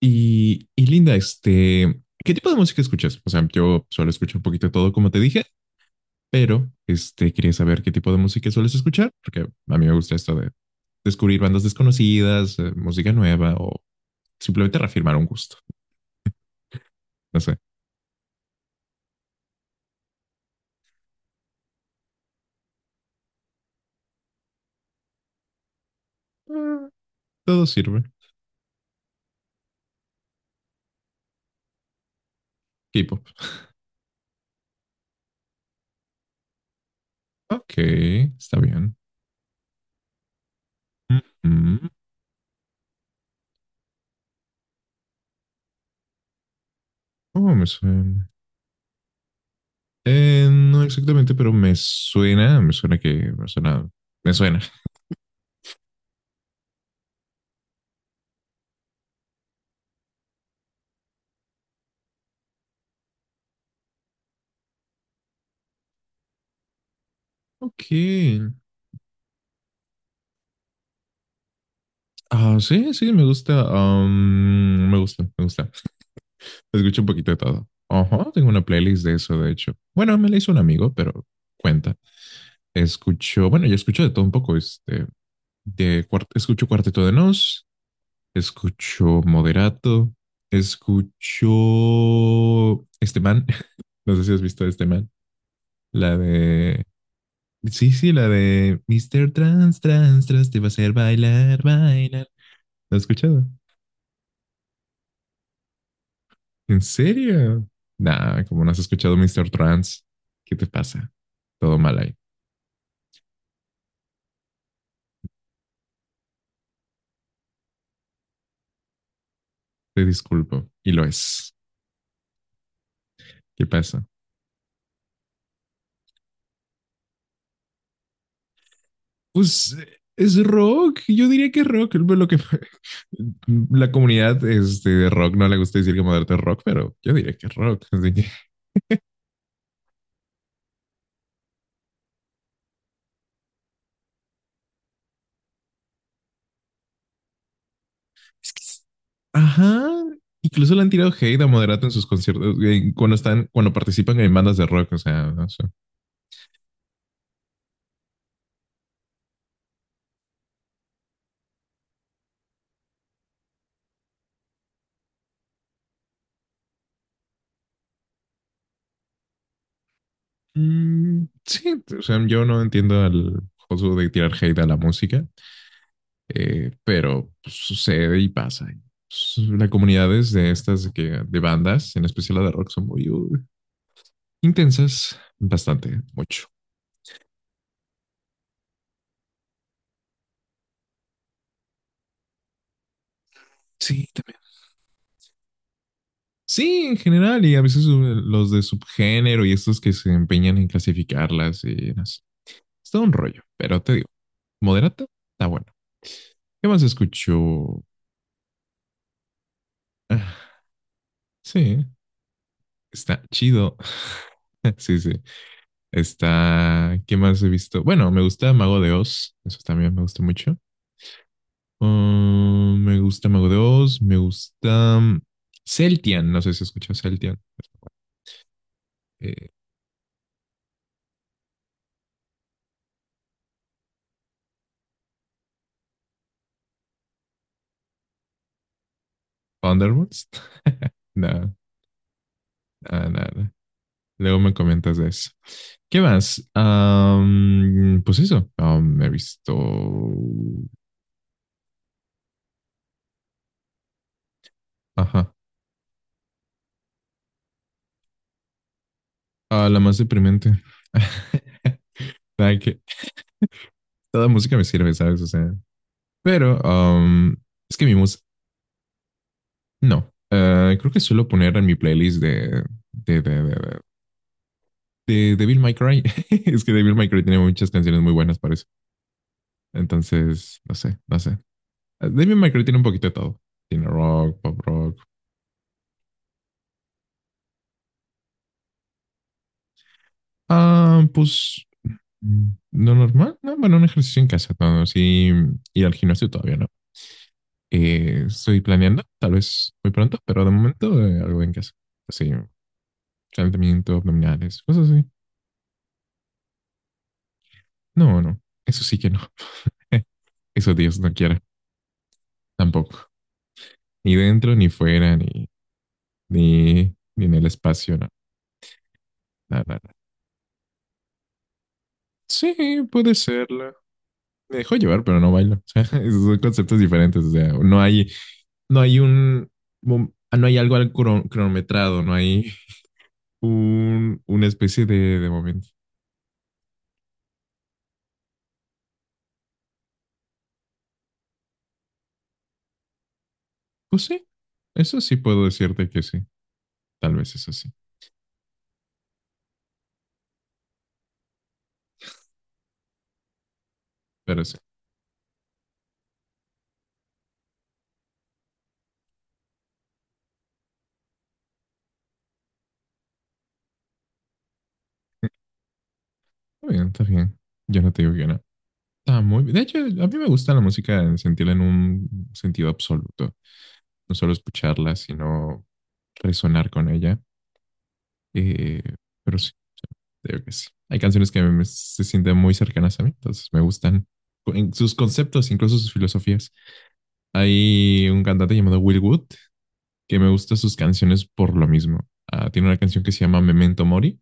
Y Linda, ¿qué tipo de música escuchas? O sea, yo suelo escuchar un poquito de todo, como te dije, pero quería saber qué tipo de música sueles escuchar, porque a mí me gusta esto de descubrir bandas desconocidas, música nueva o simplemente reafirmar un gusto. No sé, todo sirve. K-pop. Ok, está bien. Mm, ¿cómo me suena? No exactamente, pero me suena que, me suena. Ok. Ah, sí, sí, me gusta. Me gusta, me gusta. Escucho un poquito de todo. Ajá, tengo una playlist de eso, de hecho. Bueno, me la hizo un amigo, pero cuenta. Escucho, bueno, yo escucho de todo un poco. Escucho Cuarteto de Nos, escucho Moderato, escucho este man. No sé si has visto a este man. La de. Sí, sí, la de Mister Trans, te va a hacer bailar. ¿Lo has escuchado? ¿En serio? Nah, como no has escuchado Mr. Trans, ¿qué te pasa? Todo mal ahí. Te disculpo. Y lo es. ¿Qué pasa? Pues es rock. Yo diría que es rock. Lo que la comunidad de rock no le gusta decir que moderno es rock, pero yo diría que es rock. Así que, es que ajá. Incluso le han tirado hate a Moderato en sus conciertos cuando participan en bandas de rock. O sea, no sé. Mm, sí, o sea, yo no entiendo al juego de tirar hate a la música. Pero pues, sucede y pasa. Pues, las comunidades de de bandas, en especial la de rock, son muy intensas, bastante, mucho. Sí, también. Sí, en general, y a veces los de subgénero y estos que se empeñan en clasificarlas y así. Es todo un rollo, pero te digo, moderata, está bueno. ¿Qué más escucho? Ah, sí, está chido. Sí, sí. Está. ¿Qué más he visto? Bueno, me gusta Mago de Oz. Eso también me gusta mucho. Ah, me gusta Mago de Oz, me gusta Celtian, no sé si escuchas Celtian. Eh, Thunderbolts. Nada, nada, nada. Luego me comentas de eso. ¿Qué más? Pues eso. Am, me he visto. Ajá. Ah, la más deprimente. Nada que. Toda música me sirve, ¿sabes? O sea. Pero am, es que mi música. No. Creo que suelo poner en mi playlist de, de, de, de, de Devil May Cry. Es que Devil May Cry tiene muchas canciones muy buenas para eso. Entonces, no sé, no sé. Devil May Cry tiene un poquito de todo. Tiene rock, pop rock. Ah, pues no normal. No, bueno, un ejercicio en casa. No, sí, ir al gimnasio todavía no. Estoy planeando, tal vez muy pronto, pero de momento algo en casa. Así, calentamiento, abdominales, cosas así. No, no, eso sí que no. Eso Dios no quiera, tampoco. Ni dentro, ni fuera, ni en el espacio, no. No, no, no. Sí, puede serla. Me dejo llevar, pero no bailo. O sea, esos son conceptos diferentes. O sea, no hay no hay algo al cronometrado, no hay una especie de momento. Pues sí, eso sí puedo decirte que sí. Tal vez eso sí, pero sí. Está bien, está bien. Yo no te digo que no. Está muy bien. De hecho, a mí me gusta la música en sentirla en un sentido absoluto. No solo escucharla, sino resonar con ella. Eh, pero sí, creo que sí. Hay canciones se sienten muy cercanas a mí, entonces me gustan en sus conceptos, incluso sus filosofías. Hay un cantante llamado Will Wood que me gusta sus canciones por lo mismo. Ah, tiene una canción que se llama Memento Mori,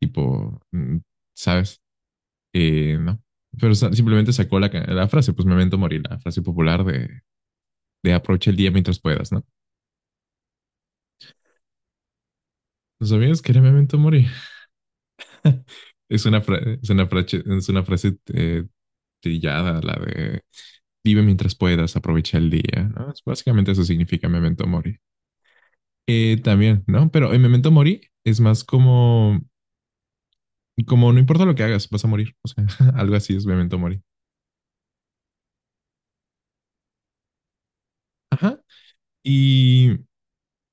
tipo, mm, ¿sabes? No. Simplemente sacó la frase, pues Memento Mori, la frase popular de aprovecha el día mientras puedas, ¿no? ¿No sabías que era Memento Mori? Es es una frase trillada, la de vive mientras puedas, aprovecha el día, ¿no? Es- básicamente eso significa Memento Mori. También, ¿no? Pero en Memento Mori es más como, como no importa lo que hagas, vas a morir. O sea, algo así es Memento Mori. Ajá. Y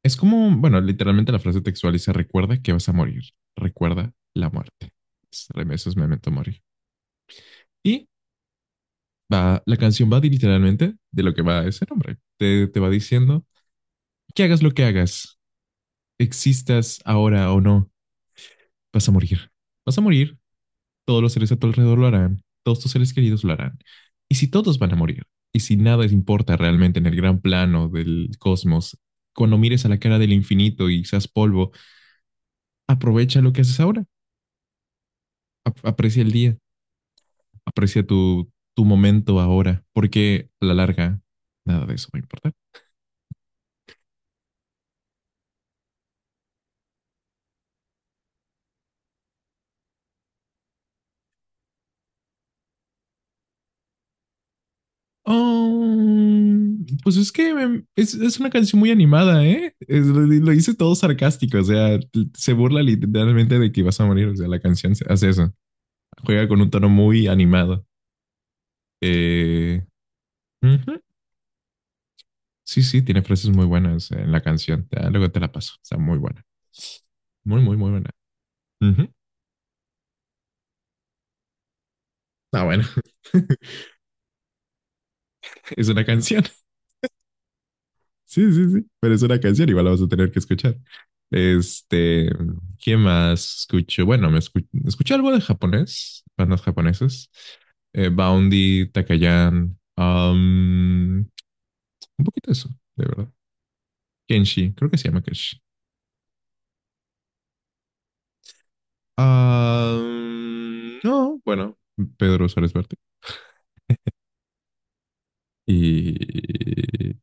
es como, bueno, literalmente la frase textual dice, recuerda que vas a morir, recuerda la muerte. Es- eso es Memento Mori. Y va, la canción va literalmente de lo que va ese nombre. Te va diciendo que hagas lo que hagas, existas ahora o no, vas a morir. Vas a morir, todos los seres a tu alrededor lo harán, todos tus seres queridos lo harán. Y si todos van a morir, y si nada importa realmente en el gran plano del cosmos, cuando mires a la cara del infinito y seas polvo, aprovecha lo que haces ahora, aprecia el día, aprecia tu momento ahora, porque a la larga nada de eso va a importar. Oh, pues es que es una canción muy animada, ¿eh? Es- lo hice todo sarcástico, o sea, se burla literalmente de que vas a morir, o sea, la canción hace eso. Juega con un tono muy animado. Eh, ujú. Sí, sí, tiene frases muy buenas en la canción. Ya, luego te la paso. Está muy buena. Muy, muy, muy buena. Ujú. Ah, bueno. Es una canción. Sí, sí, sí. Pero es una canción. Igual la vas a tener que escuchar. Este, ¿qué más escucho? Bueno, escuché algo de japonés, bandas japonesas. Boundy, Takayan, un poquito de eso, de verdad. Kenshi, creo que se llama Kenshi. Ah, no, bueno, Pedro Suárez Verte. Y,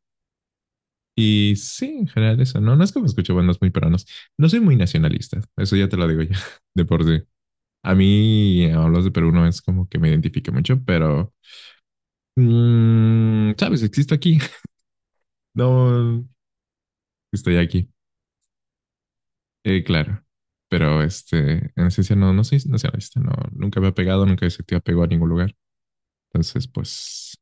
y sí, en general eso. No, no es que me escuche bandas muy peruanas. No soy muy nacionalista, eso ya te lo digo ya, de por sí. A mí, hablas de Perú, no es como que me identifique mucho, pero, mm, ¿sabes? Existo aquí. No, estoy aquí. Claro. Pero este, en esencia no, no soy nacionalista, no, nunca me ha pegado, nunca he sentido apego a ningún lugar. Entonces, pues,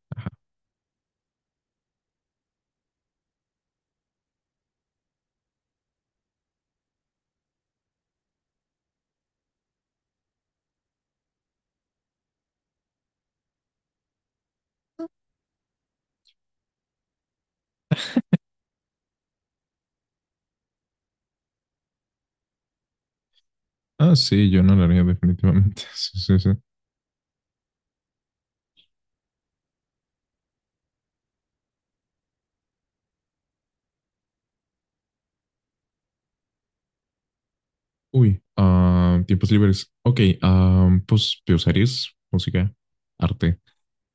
ah, sí, yo no lo haría definitivamente. Sí, sí, sí. Uy, ah, tiempos libres. Ok, ah, pues veo series, música, arte.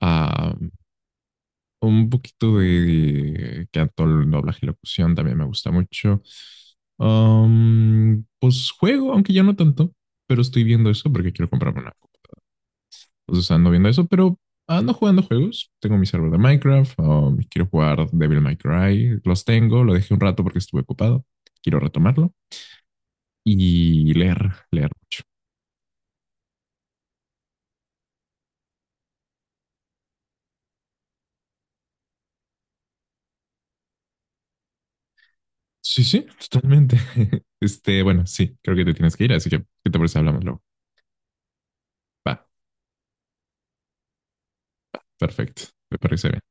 Ah, un poquito de canto, doblaje y locución también me gusta mucho. Pues juego, aunque ya no tanto, pero estoy viendo eso porque quiero comprarme una. Compu. Entonces ando viendo eso, pero ando jugando juegos. Tengo mi server de Minecraft, quiero jugar Devil May Cry. Los tengo, lo dejé un rato porque estuve ocupado. Quiero retomarlo. Y leer, leer mucho. Sí, sí, totalmente. Este, bueno, sí, creo que te tienes que ir, así que, ¿qué te parece? Hablamos luego. Va, perfecto, me parece bien.